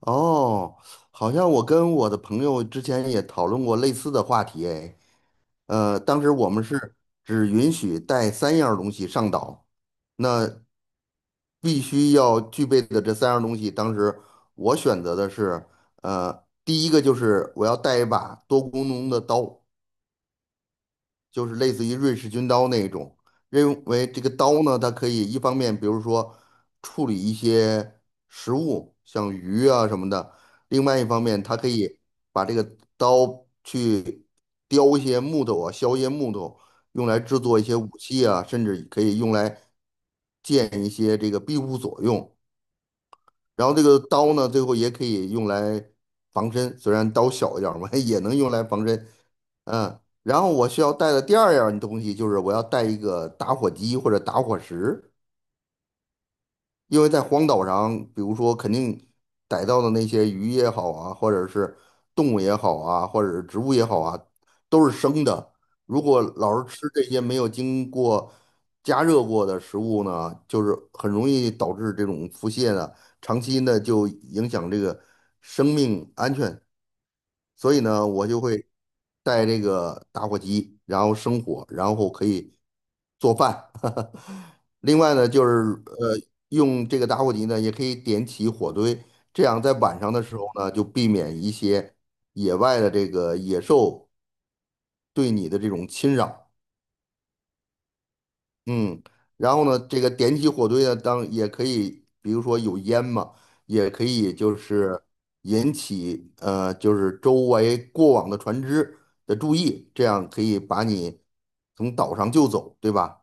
哦，好像我跟我的朋友之前也讨论过类似的话题，哎，当时我们是只允许带三样儿东西上岛，那必须要具备的这三样儿东西，当时我选择的是，第一个就是我要带一把多功能的刀，就是类似于瑞士军刀那一种，认为这个刀呢，它可以一方面，比如说处理一些食物，像鱼啊什么的；另外一方面，它可以把这个刀去雕一些木头啊，削一些木头，用来制作一些武器啊，甚至可以用来建一些这个庇护所用。然后这个刀呢，最后也可以用来防身，虽然刀小一点儿嘛，也能用来防身。嗯，然后我需要带的第二样东西就是我要带一个打火机或者打火石。因为在荒岛上，比如说肯定逮到的那些鱼也好啊，或者是动物也好啊，或者是植物也好啊，都是生的。如果老是吃这些没有经过加热过的食物呢，就是很容易导致这种腹泻的，长期呢就影响这个生命安全。所以呢，我就会带这个打火机，然后生火，然后可以做饭。另外呢，就是,用这个打火机呢，也可以点起火堆，这样在晚上的时候呢，就避免一些野外的这个野兽对你的这种侵扰。嗯，然后呢，这个点起火堆呢，当也可以，比如说有烟嘛，也可以就是引起,就是周围过往的船只的注意，这样可以把你从岛上救走，对吧？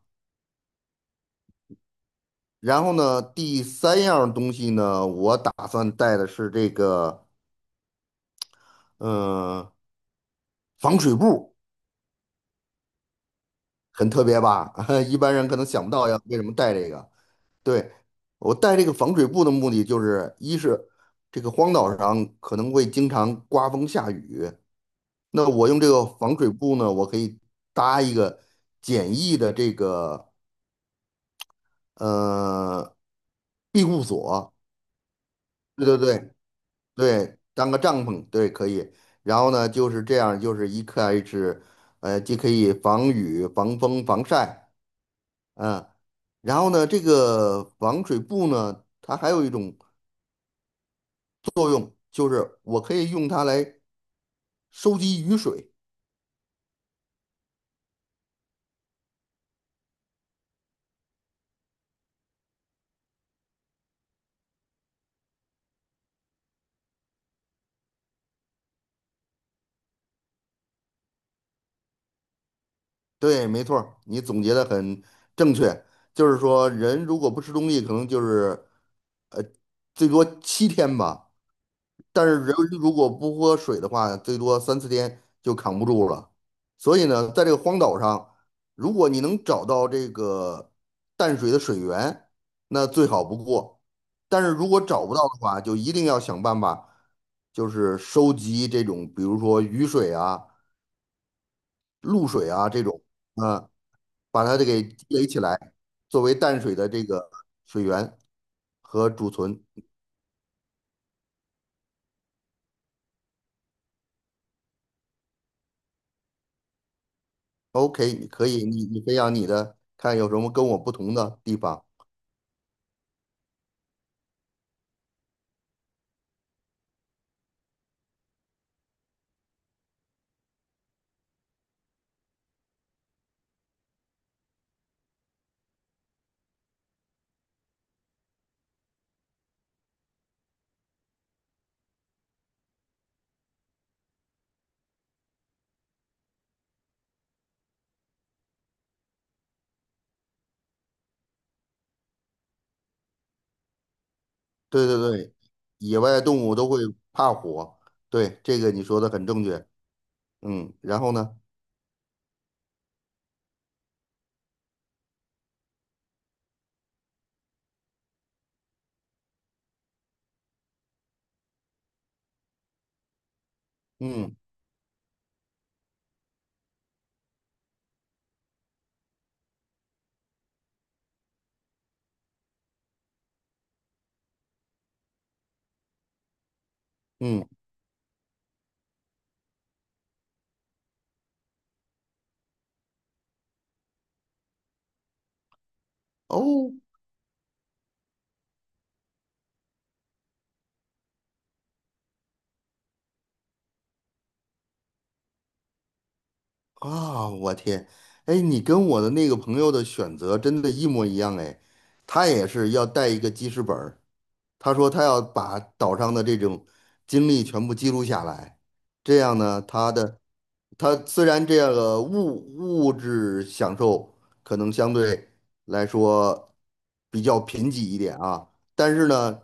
然后呢，第三样东西呢，我打算带的是这个，嗯、防水布，很特别吧？一般人可能想不到要为什么带这个。对，我带这个防水布的目的就是，一是这个荒岛上可能会经常刮风下雨，那我用这个防水布呢，我可以搭一个简易的这个呃庇护所。对对对，对，当个帐篷，对，可以。然后呢，就是这样，就是一开始，既可以防雨、防风、防晒，嗯，然后呢，这个防水布呢，它还有一种作用，就是我可以用它来收集雨水。对，没错儿你总结的很正确。就是说，人如果不吃东西，可能就是最多七天吧。但是人如果不喝水的话，最多三四天就扛不住了。所以呢，在这个荒岛上，如果你能找到这个淡水的水源，那最好不过。但是如果找不到的话，就一定要想办法，就是收集这种，比如说雨水啊、露水啊这种，嗯、把它这给积累起来，作为淡水的这个水源和储存。OK,你可以，你培养你的，看有什么跟我不同的地方。对对对，野外动物都会怕火，对，这个你说的很正确。嗯，然后呢？嗯嗯，哦啊，我天，哎，你跟我的那个朋友的选择真的一模一样哎，他也是要带一个记事本他说他要把岛上的这种经历全部记录下来，这样呢，他虽然这个物质享受可能相对来说比较贫瘠一点啊，但是呢，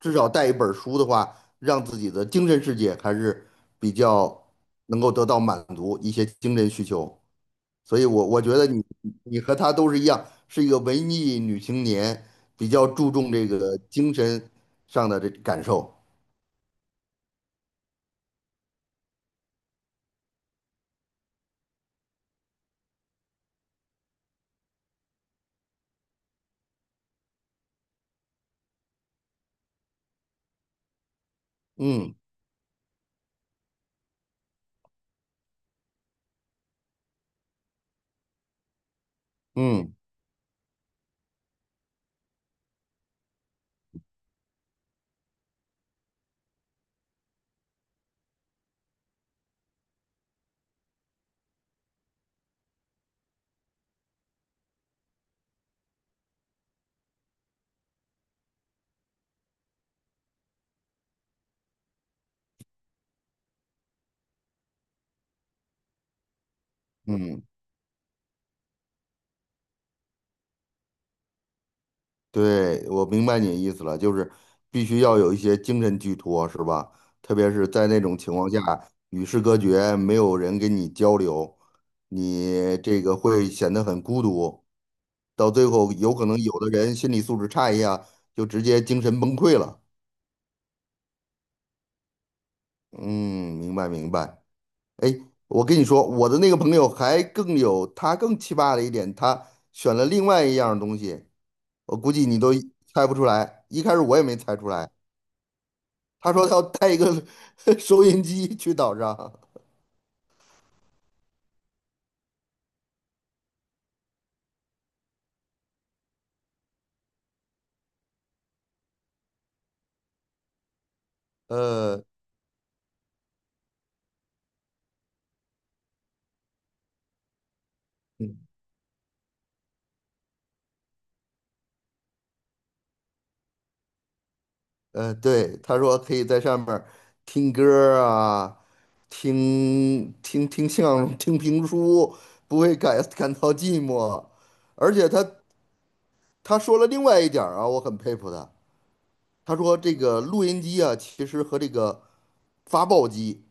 至少带一本儿书的话，让自己的精神世界还是比较能够得到满足一些精神需求。所以我觉得你和她都是一样，是一个文艺女青年，比较注重这个精神上的这感受。嗯嗯嗯，对，我明白你的意思了，就是必须要有一些精神寄托，是吧？特别是在那种情况下，与世隔绝，没有人跟你交流，你这个会显得很孤独，到最后有可能有的人心理素质差一下，就直接精神崩溃了。嗯，明白明白。哎，我跟你说，我的那个朋友还更有，他更奇葩的一点，他选了另外一样东西，我估计你都猜不出来。一开始我也没猜出来，他说他要带一个 收音机去岛上，呃，嗯对，他说可以在上面儿听歌儿啊，听相声、听评书，不会感到寂寞。而且他说了另外一点儿啊，我很佩服他。他说这个录音机啊，其实和这个发报机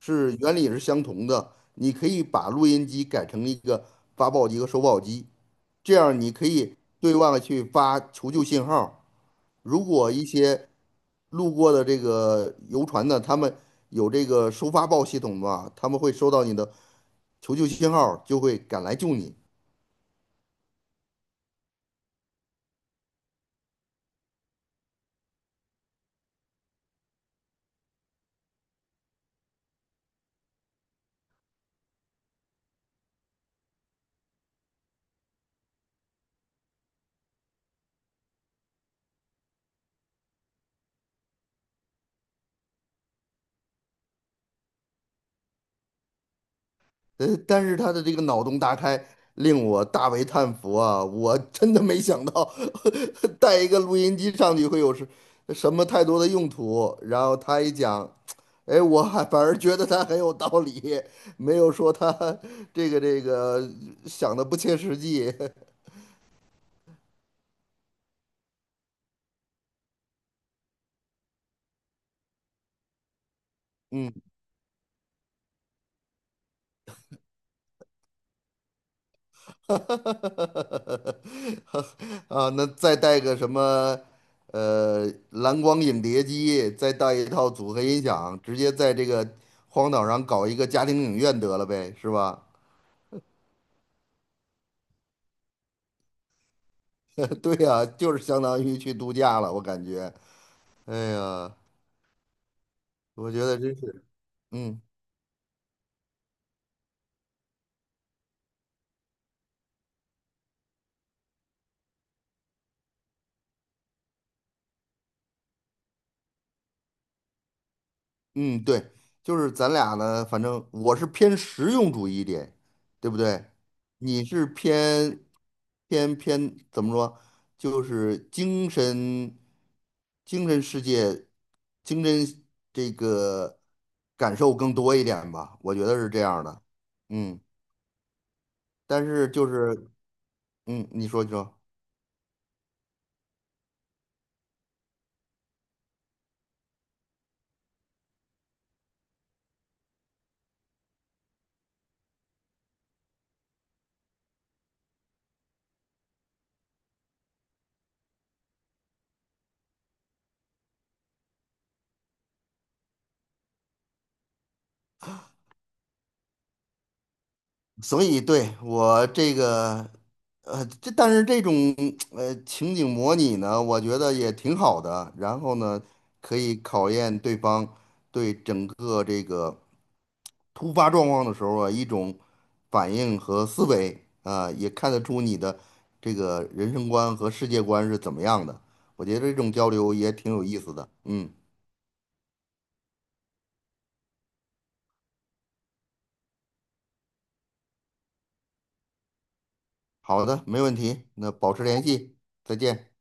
是原理也是相同的。你可以把录音机改成一个发报机和收报机，这样你可以对外去发求救信号。如果一些路过的这个游船呢，他们有这个收发报系统嘛，他们会收到你的求救信号，就会赶来救你。呃，但是他的这个脑洞大开，令我大为叹服啊！我真的没想到 带一个录音机上去会有什么太多的用途。然后他一讲，哎，我还反而觉得他很有道理，没有说他这个想的不切实际。嗯 哈，啊，那再带个什么，呃，蓝光影碟机，再带一套组合音响，直接在这个荒岛上搞一个家庭影院得了呗，是吧？对呀，就是相当于去度假了，我感觉。哎呀，我觉得真是，嗯。嗯，对，就是咱俩呢，反正我是偏实用主义一点，对不对？你是偏怎么说？就是精神世界，精神这个感受更多一点吧，我觉得是这样的。嗯，但是就是嗯，你说。所以对我这个，呃，但是这种情景模拟呢，我觉得也挺好的。然后呢，可以考验对方对整个这个突发状况的时候啊一种反应和思维啊，也看得出你的这个人生观和世界观是怎么样的。我觉得这种交流也挺有意思的。嗯，好的，没问题。那保持联系，再见。